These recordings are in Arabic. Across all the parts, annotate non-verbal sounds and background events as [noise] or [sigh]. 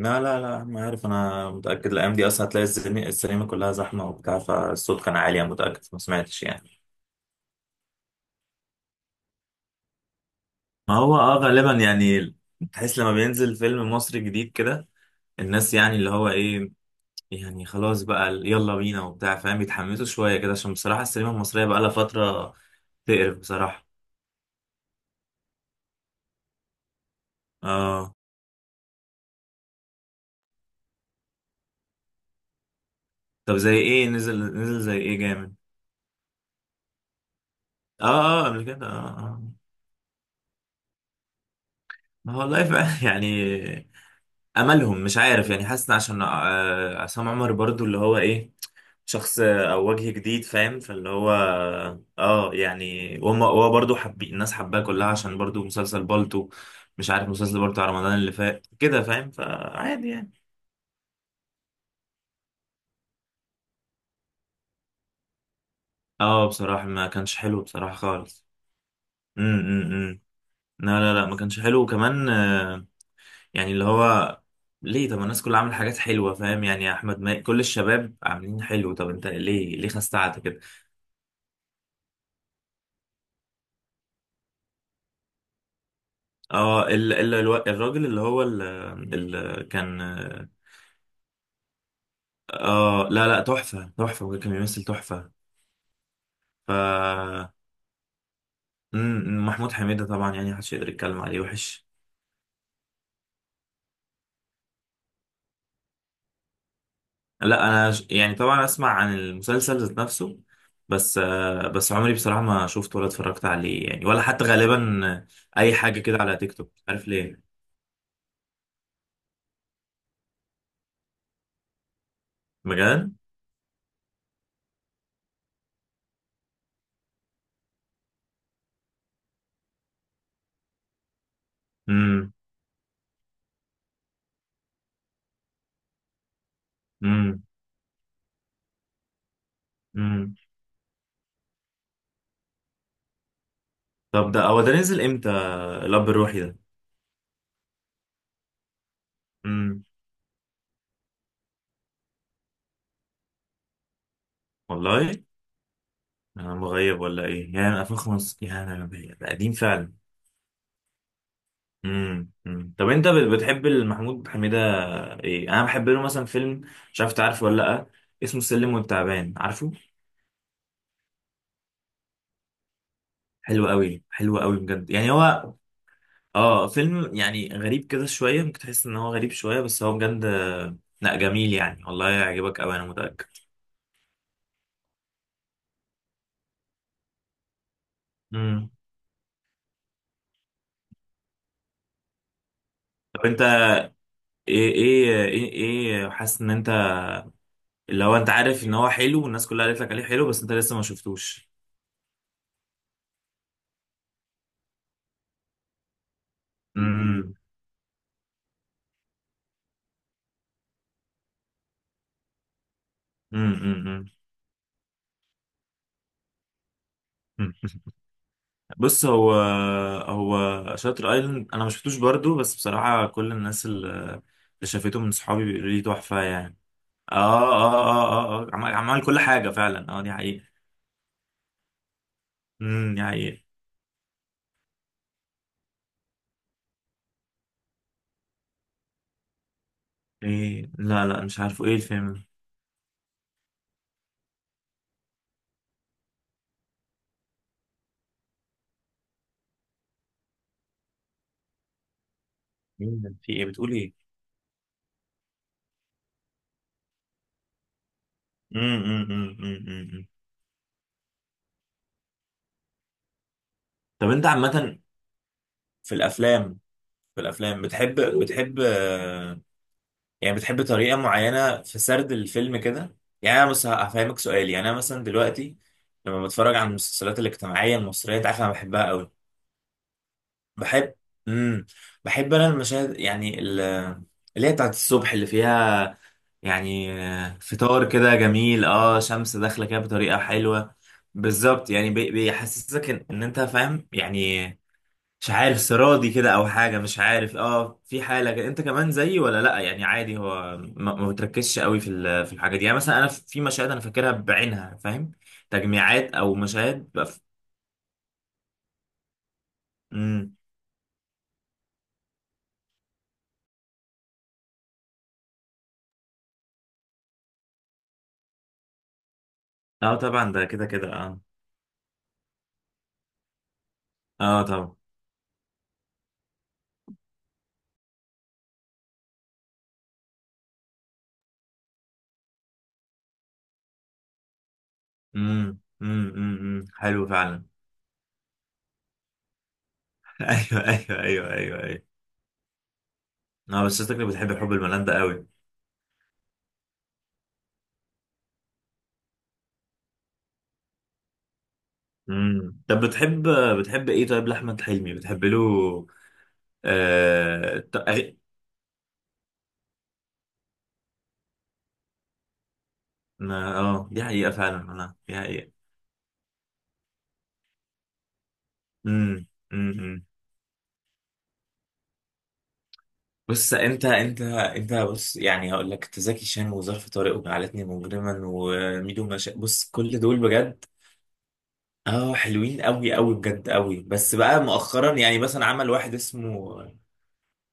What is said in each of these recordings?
لا، لا، لا، ما عارف. انا متأكد الايام دي اصلا هتلاقي السينما كلها زحمة وبتاع، فالصوت كان عالي. انا متأكد ما سمعتش يعني. ما هو اه غالبا يعني. تحس لما بينزل فيلم مصري جديد كده الناس يعني اللي هو ايه، يعني خلاص بقى يلا بينا وبتاع فاهم، بيتحمسوا شوية كده، عشان بصراحة السينما المصرية بقى لها فترة تقرف بصراحة. اه. طب زي ايه نزل، نزل زي ايه جامد؟ اه اه، قبل كده اه اه. ما هو والله فعلا [laughs] يعني املهم مش عارف. يعني حاسس إن عشان عصام عمر برضو اللي هو ايه، شخص او وجه جديد فاهم، فاللي هو اه يعني وهم هو برضو حبي الناس حباه كلها عشان برضو مسلسل بالطو. مش عارف، مسلسل بالطو على رمضان اللي فات كده فاهم، فعادي يعني. اه بصراحة ما كانش حلو بصراحة خالص. امم لا، لا، لا، ما كانش حلو، وكمان يعني اللي هو ليه؟ طب الناس كلها عامله حاجات حلوة فاهم يعني، يا احمد ماهر كل الشباب عاملين حلو، طب انت ليه خستعت كده؟ اه الراجل اللي هو اللي كان، اه لا لا تحفة تحفة، وكان بيمثل تحفة. ف محمود حميدة طبعا يعني محدش يقدر يتكلم عليه وحش. لا انا يعني طبعا اسمع عن المسلسل ذات نفسه، بس عمري بصراحة ما شفته ولا اتفرجت عليه يعني، ولا حتى غالبا اي حاجة كده على تيك توك مش عارف ليه. بجد؟ امم، امم، امم. طب ده هو ده نزل امتى، الاب الروحي ده؟ امم والله؟ انا مغيب ولا ايه؟ يعني 2005؟ ده قديم فعلا. امم، أمم. طب انت بتحب محمود حميدة؟ ايه، انا بحب له مثلا فيلم، مش عارف تعرفه ولا لا، اسمه السلم والتعبان، عارفه؟ حلو قوي حلو قوي بجد يعني هو اه فيلم يعني غريب كده شويه، ممكن تحس ان هو غريب شويه، بس هو بجد لا جميل يعني، والله يعجبك قوي انا متاكد. امم. طب انت ايه ايه، حاسس ان انت اللي هو انت عارف ان هو حلو، والناس كلها قالت لك عليه حلو، بس انت لسه ما شفتوش. امم. مم، مم، مم. مم. بص هو، شاتر ايلاند انا ما شفتوش برضو، بس بصراحه كل الناس اللي شافته من صحابي بيقولوا لي تحفه يعني. اه اه اه اه، آه. عمل كل حاجه فعلا، اه دي حقيقه. امم، دي حقيقه. ايه؟ لا لا مش عارفه، ايه الفيلم ده؟ مين ده؟ في ايه؟ بتقول ايه؟ امم، امم، امم، امم، أمم. طب انت عامه في الافلام، في الافلام بتحب، يعني بتحب طريقة معينة في سرد الفيلم كده؟ يعني أنا بس هفهمك سؤال. يعني أنا مثلا دلوقتي لما بتفرج على المسلسلات الاجتماعية المصرية أنت عارف أنا بحبها قوي. بحب، امم، بحب أنا المشاهد يعني اللي هي بتاعت الصبح، اللي فيها يعني فطار كده جميل، اه شمس داخلة كده بطريقة حلوة. بالظبط، يعني بيحسسك إن أنت فاهم يعني، مش عارف سرادي كده او حاجه، مش عارف اه، في حاله كده. انت كمان زيي ولا لا؟ يعني عادي هو ما بتركزش قوي في في الحاجه دي. يعني مثلا انا في مشاهد انا فاكرها بعينها فاهم، تجميعات او مشاهد بقى في... امم. اه طبعا ده كده كده اه. اه طبعا. امم، امم، امم، حلو فعلا. [laughs] ايوه، ايوه، ايوه، ايوه، ايوه. اه بس شكلك بتحب حب الملان ده قوي. امم. طب بتحب، بتحب ايه طيب لاحمد حلمي؟ بتحب له آه... ما اه دي حقيقة فعلا انا، دي حقيقة. امم، امم. بص، انت بص، يعني هقول لك انت: زكي شان، وظرف طارق، وجعلتني مجرما، وميدو مشا، بص كل دول بجد اه حلوين قوي، قوي بجد قوي. بس بقى مؤخرا يعني مثلا عمل واحد اسمه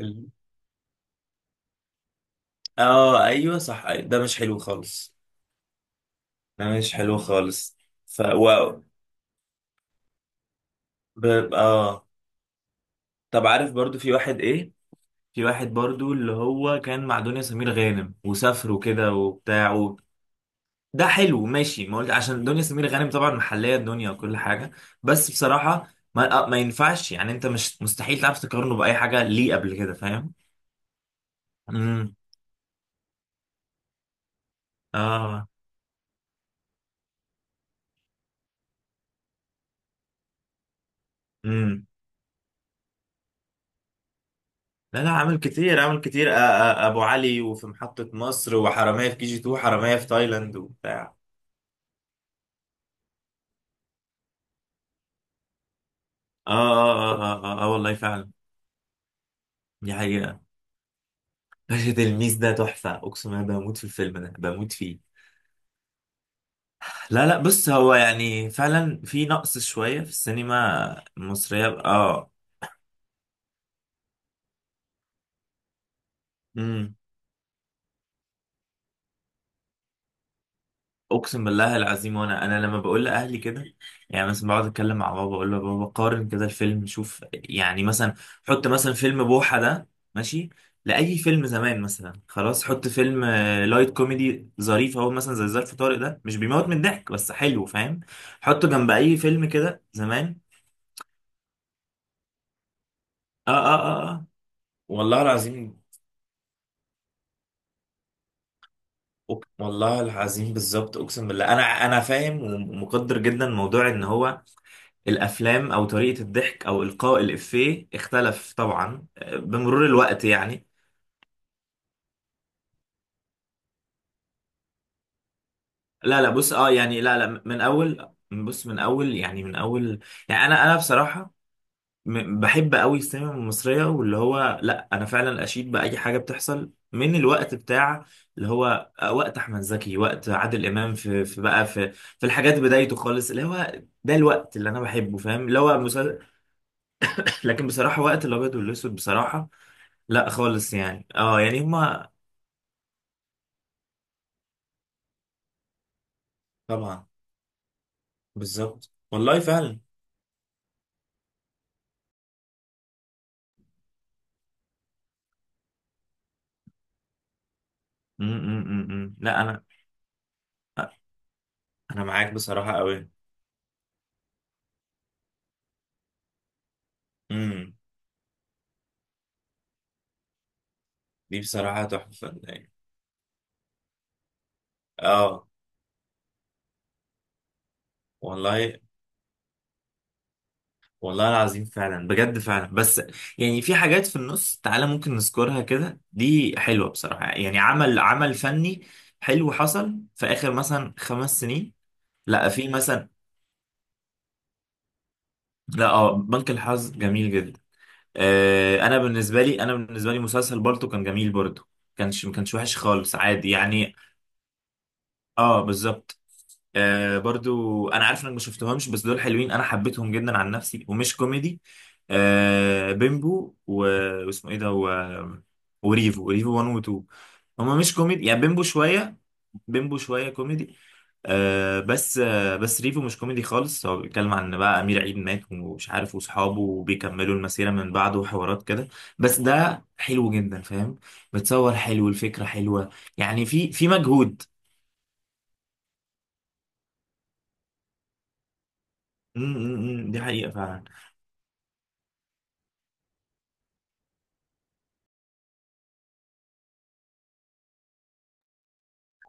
ال- اه، ايوه صح، أيوة. ده مش حلو خالص، ده مش حلو خالص. ف و... ب... اه، طب عارف برضو في واحد ايه، في واحد برضو اللي هو كان مع دنيا سمير غانم وسافروا كده وبتاع؟ ده حلو، ماشي، ما قلت عشان دنيا سمير غانم طبعا محليه الدنيا وكل حاجه. بس بصراحه ما ينفعش يعني، انت مش مستحيل تعرف تقارنه باي حاجه ليه قبل كده فاهم. امم. اه. امم. لا لا عامل كتير، عامل كتير، آه آه، ابو علي، وفي محطه مصر، وحراميه في كي جي 2، وحراميه في تايلاند وبتاع. اه اه اه اه، آه، آه آه، والله فعلا. دي حقيقه. باشا تلميذ ده تحفه، اقسم بالله بموت في الفيلم ده، بموت فيه. لا لا بص، هو يعني فعلا في نقص شوية في السينما المصرية اه. امم. اقسم بالله العظيم، وانا لما بقول لاهلي كده، يعني مثلا بقعد اتكلم مع بابا اقول له: يا بابا قارن كده الفيلم، شوف يعني مثلا، حط مثلا فيلم بوحة ده، ماشي، لاي فيلم زمان، مثلا خلاص حط فيلم لايت كوميدي ظريف اهو، مثلا زي ظرف طارق ده مش بيموت من الضحك بس حلو فاهم، حطه جنب اي فيلم كده زمان. اه اه اه اه، والله العظيم. والله العظيم بالظبط، اقسم بالله انا فاهم ومقدر جدا موضوع ان هو الافلام او طريقه الضحك او القاء الافيه اختلف طبعا بمرور الوقت يعني. لا لا بص اه يعني، لا لا من اول، بص من اول يعني، من اول، يعني انا بصراحه بحب قوي السينما المصرية، واللي هو لا أنا فعلا أشيد بأي حاجة بتحصل من الوقت بتاع اللي هو وقت أحمد زكي، وقت عادل إمام في في بقى في الحاجات بدايته خالص، اللي هو ده الوقت اللي أنا بحبه فاهم، اللي هو مسل... [coughs] لكن بصراحة وقت الأبيض والأسود بصراحة لا خالص، يعني أه يعني هما. طبعا، بالظبط والله فعلا. م، م، م. م. لا أنا، أنا معاك بصراحة قوي. م. دي بصراحة تحفة يعني. أه، والله. والله العظيم فعلا، بجد فعلا. بس يعني في حاجات في النص تعالى ممكن نذكرها كده دي حلوة بصراحة، يعني عمل فني حلو حصل في آخر مثلا 5 سنين. لا في مثلا، لا اه، بنك الحظ جميل جدا. آه، انا بالنسبة لي انا بالنسبة لي مسلسل بالطو كان جميل برضه. ما كانش وحش خالص، عادي يعني. اه بالظبط. آه برضو انا عارف انك ما شفتهمش، بس دول حلوين انا حبيتهم جدا عن نفسي ومش كوميدي: آه بيمبو و... واسمه ايه ده و... وريفو، ريفو 1 و 2. هما مش كوميدي يعني، بيمبو شويه، بيمبو شويه كوميدي. آه بس ريفو مش كوميدي خالص، هو بيتكلم عن إن بقى امير عيد مات ومش عارف، واصحابه وبيكملوا المسيره من بعده وحوارات كده، بس ده حلو جدا فاهم. بتصور حلو، الفكره حلوه، يعني في مجهود. م، م، م، دي حقيقه فعلا.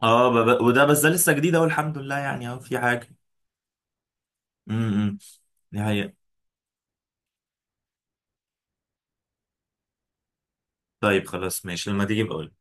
اه وده بس ده لسه جديد اهو، الحمد لله يعني اهو في حاجه. امم، دي حقيقة. طيب خلاص ماشي، لما تيجي بقول.